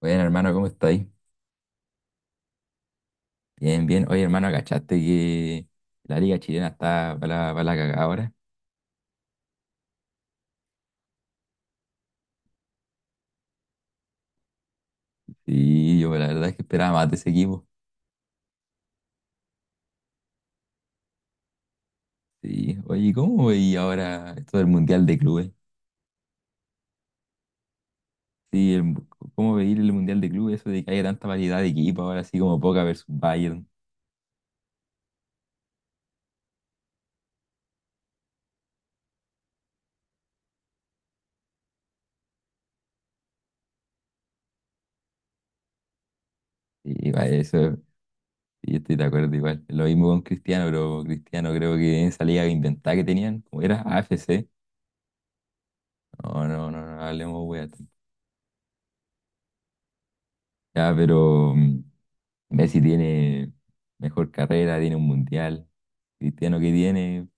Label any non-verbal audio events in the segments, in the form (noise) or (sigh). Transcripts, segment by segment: Bueno, hermano, ¿cómo estáis? Bien, bien. Oye, hermano, ¿cachaste que la liga chilena está para la cagada ahora? Sí, yo la verdad es que esperaba más de ese equipo. Sí. Oye, ¿¿cómo veí ahora esto del Mundial de Clubes? Sí, el- ¿Cómo veí el Mundial de Clubes? Eso de que haya tanta variedad de equipos ahora, así como Boca versus Bayern. Sí, va, eso, sí, yo estoy de acuerdo igual. Lo mismo con Cristiano, pero Cristiano creo que en esa liga inventada que tenían, como era AFC. No, no, no, no hablemos, wea. Ya, pero... Messi tiene mejor carrera, tiene un mundial. Cristiano que tiene,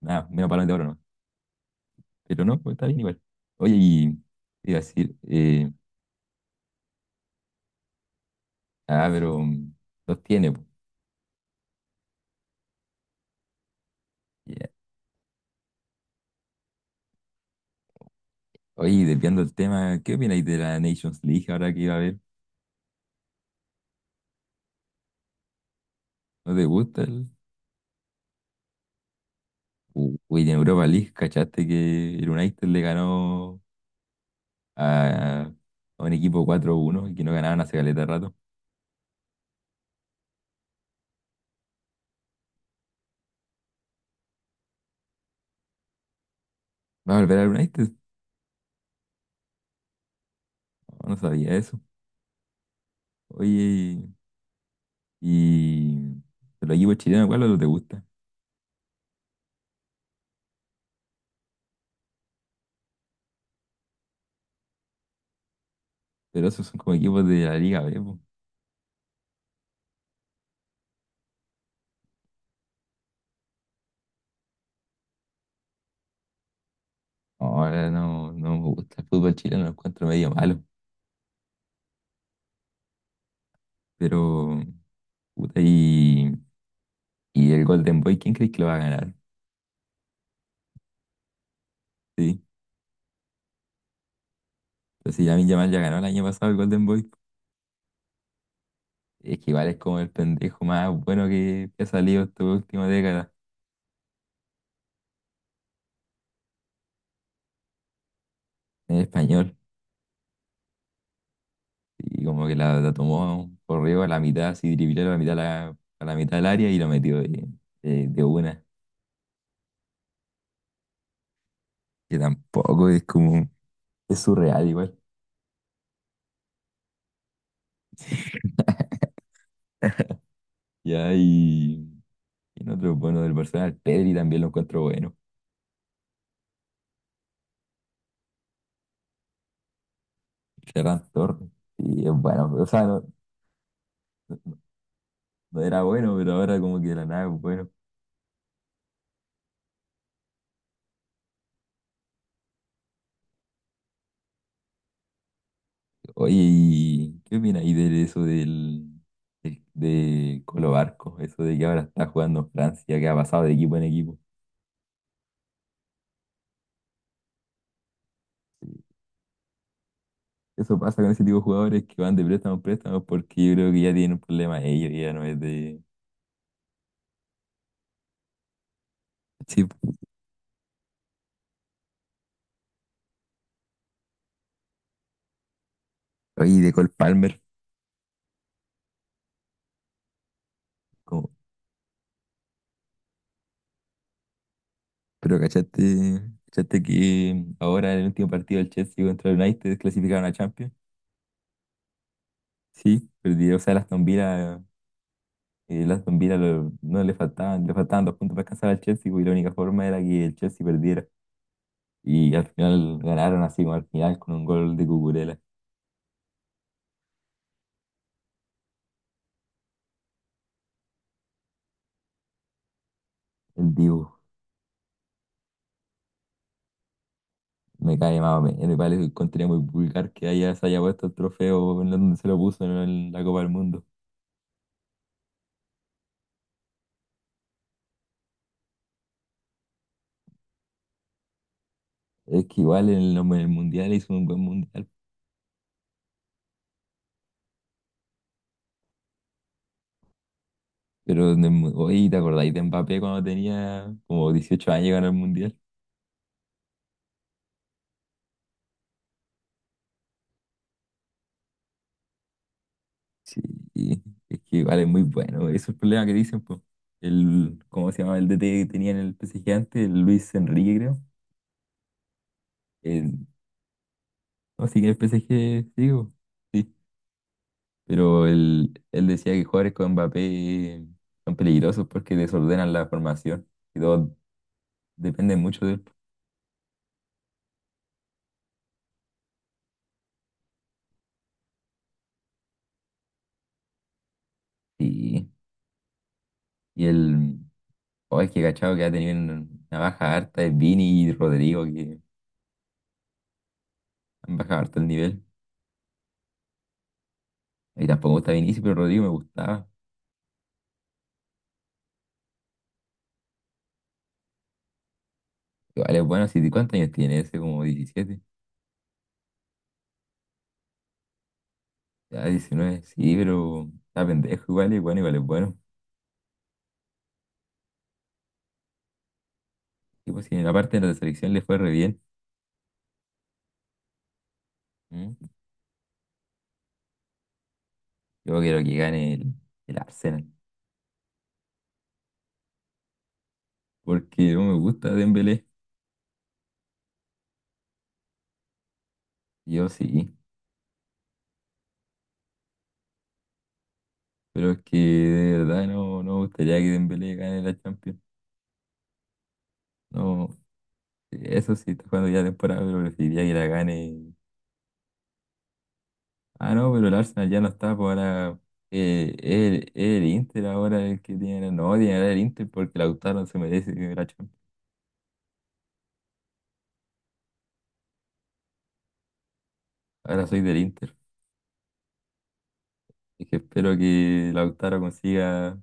nada, menos balón de oro, ¿no? Pero no, pues está bien igual. Oye, y te iba a decir, ah, pero mm, los tiene, pues. Ya. Oye, y desviando el tema, ¿qué opináis de la Nations League ahora que iba a haber? ¿No te gusta el? U- Uy, en Europa League, ¿cachaste que el United le ganó a, a un equipo 4-1 y que no ganaban hace caleta de rato? ¿Va a volver al United? No, no sabía eso. Oye, y los equipos chilenos, ¿cuál no te gusta? Pero esos son como equipos de la Liga B, po. Ahora no, no me gusta el fútbol chileno, lo encuentro medio malo. Pero, puta, y el Golden Boy, ¿quién crees que lo va a ganar? Sí. Entonces Lamine Yamal ya ganó el año pasado el Golden Boy. Es que igual es como el pendejo más bueno que ha salido esta última década en español. Y como que la tomó corrió a la mitad, así dribló a la mitad, a la mitad del área y lo metió de una. Que tampoco es como. Es surreal igual. Ya, y en otro bueno del personal, Pedri también lo encuentro bueno. Ferran Torres, y es bueno. O sea, no, no era bueno, pero ahora como que de la nada es bueno. Oye, ¿y qué opinas ahí de eso de Colo Barco? Eso de que ahora está jugando en Francia, que ha pasado de equipo en equipo. Eso pasa con ese tipo de jugadores que van de préstamo en préstamo porque yo creo que ya tienen un problema ellos, ya no es de... Sí, oye, y de Cole Palmer. Pero cachaste, cachaste que ahora en el último partido del Chelsea contra el United clasificaron a Champions. Sí, perdieron, o sea, el Aston Villa no le faltaban, le faltaban 2 puntos para alcanzar al Chelsea, pues, y la única forma era que el Chelsea perdiera. Y al final ganaron así como al final con un gol de Cucurella. El Dibu me cae más o menos, me parece un contenido muy vulgar que haya, se haya puesto el trofeo en donde se lo puso, ¿no?, en la Copa del Mundo. Es que igual en en el Mundial hizo un buen Mundial. Pero, en el oye, ¿te acordáis de Mbappé cuando tenía como 18 años y ganó el Mundial? Sí, es que igual es muy bueno. Eso es el problema que dicen, pues. El, ¿cómo se llama? El DT que tenía en el PSG antes, el Luis Enrique, creo. El, no, sí que el PSG, digo, sí. Pero él decía que jugadores con Mbappé son peligrosos porque desordenan la formación. Y todo depende mucho de él. Y, y el, oh, es que cachado que ha tenido una baja harta es Vini y Rodrigo, que han bajado harto el nivel. Y tampoco está Vinicius, pero Rodrigo me gustaba. Igual es bueno, si ¿cuántos años tiene ese? Como 17. Ya 19 sí, pero está pendejo igual, y bueno, igual es bueno. Y pues si en la parte de la selección le fue re bien. ¿Mm? Yo quiero que gane el Arsenal. Porque no me gusta Dembélé, yo sí. Pero es que de verdad no, no me gustaría que Dembélé gane la Champions. No, eso sí, está jugando ya temporada, pero preferiría que la gane. Ah, no, pero el Arsenal ya no está, pues ahora el Inter, ahora el que tiene, no, tiene que ganar el Inter porque Lautaro no se merece que la Champions. Ahora soy del Inter, y que espero que Lautaro consiga,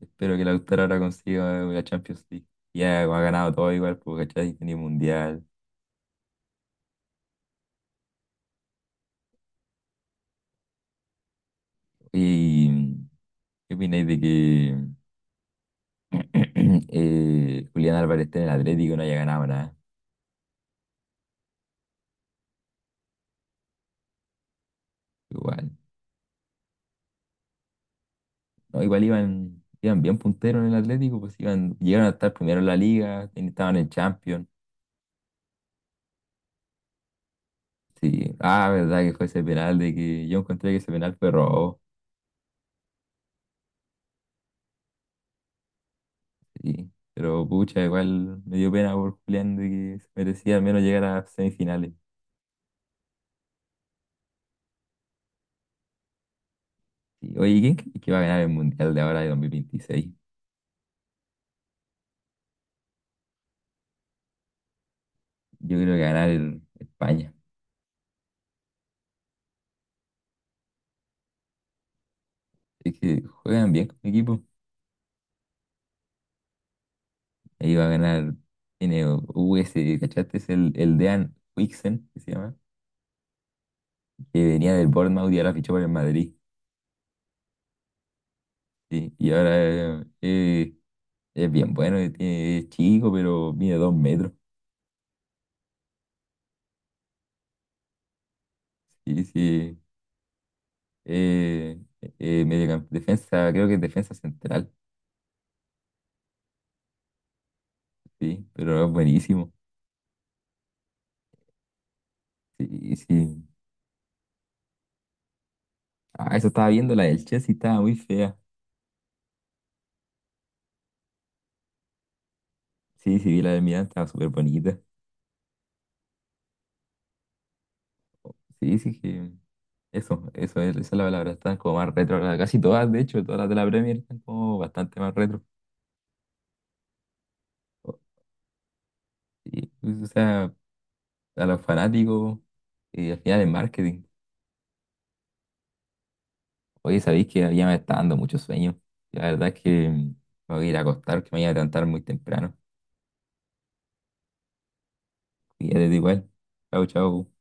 espero que Lautaro ahora consiga la Champions League. Ya ha ganado todo igual, porque ¿cachai? Tiene Mundial. ¿Y qué opináis de que (clears throat) Julián Álvarez esté en el Atlético y no haya ganado nada? Igual. No, igual iban, iban bien punteros en el Atlético, pues iban, llegaron a estar primero en la liga, estaban en Champions. Sí. Ah, verdad que fue ese penal de que yo encontré que ese penal fue robo. Sí. Pero pucha, igual me dio pena por Julián de que se merecía al menos llegar a semifinales. Sí. Oye, ¿quién crees que va a ganar el Mundial de ahora de 2026? Yo creo que va a ganar España. Es que juegan bien con mi equipo. Ahí va a ganar, tiene U S, ¿cachaste? Es el Dean Huijsen, que se llama, que venía del Bournemouth y ahora fichó por el Madrid. Sí, y ahora es bien bueno, es chico, pero mide 2 metros. Sí, sí. Eh, defensa, creo que es defensa central, sí, pero es buenísimo. Sí, sí. Ah, eso estaba viendo, la del Chelsea estaba muy fea. Sí, sí, vi la del Milan, estaba súper bonita. Sí, sí, que esa es la palabra, están como más retro. Casi todas, de hecho, todas las de la Premier están como bastante más retro. Sí, o sea, a los fanáticos, y al final es marketing. Oye, sabéis que ya me está dando mucho sueño. La verdad es que me voy a ir a acostar, que me voy a levantar muy temprano. Y ya te digo igual. Chau, chau.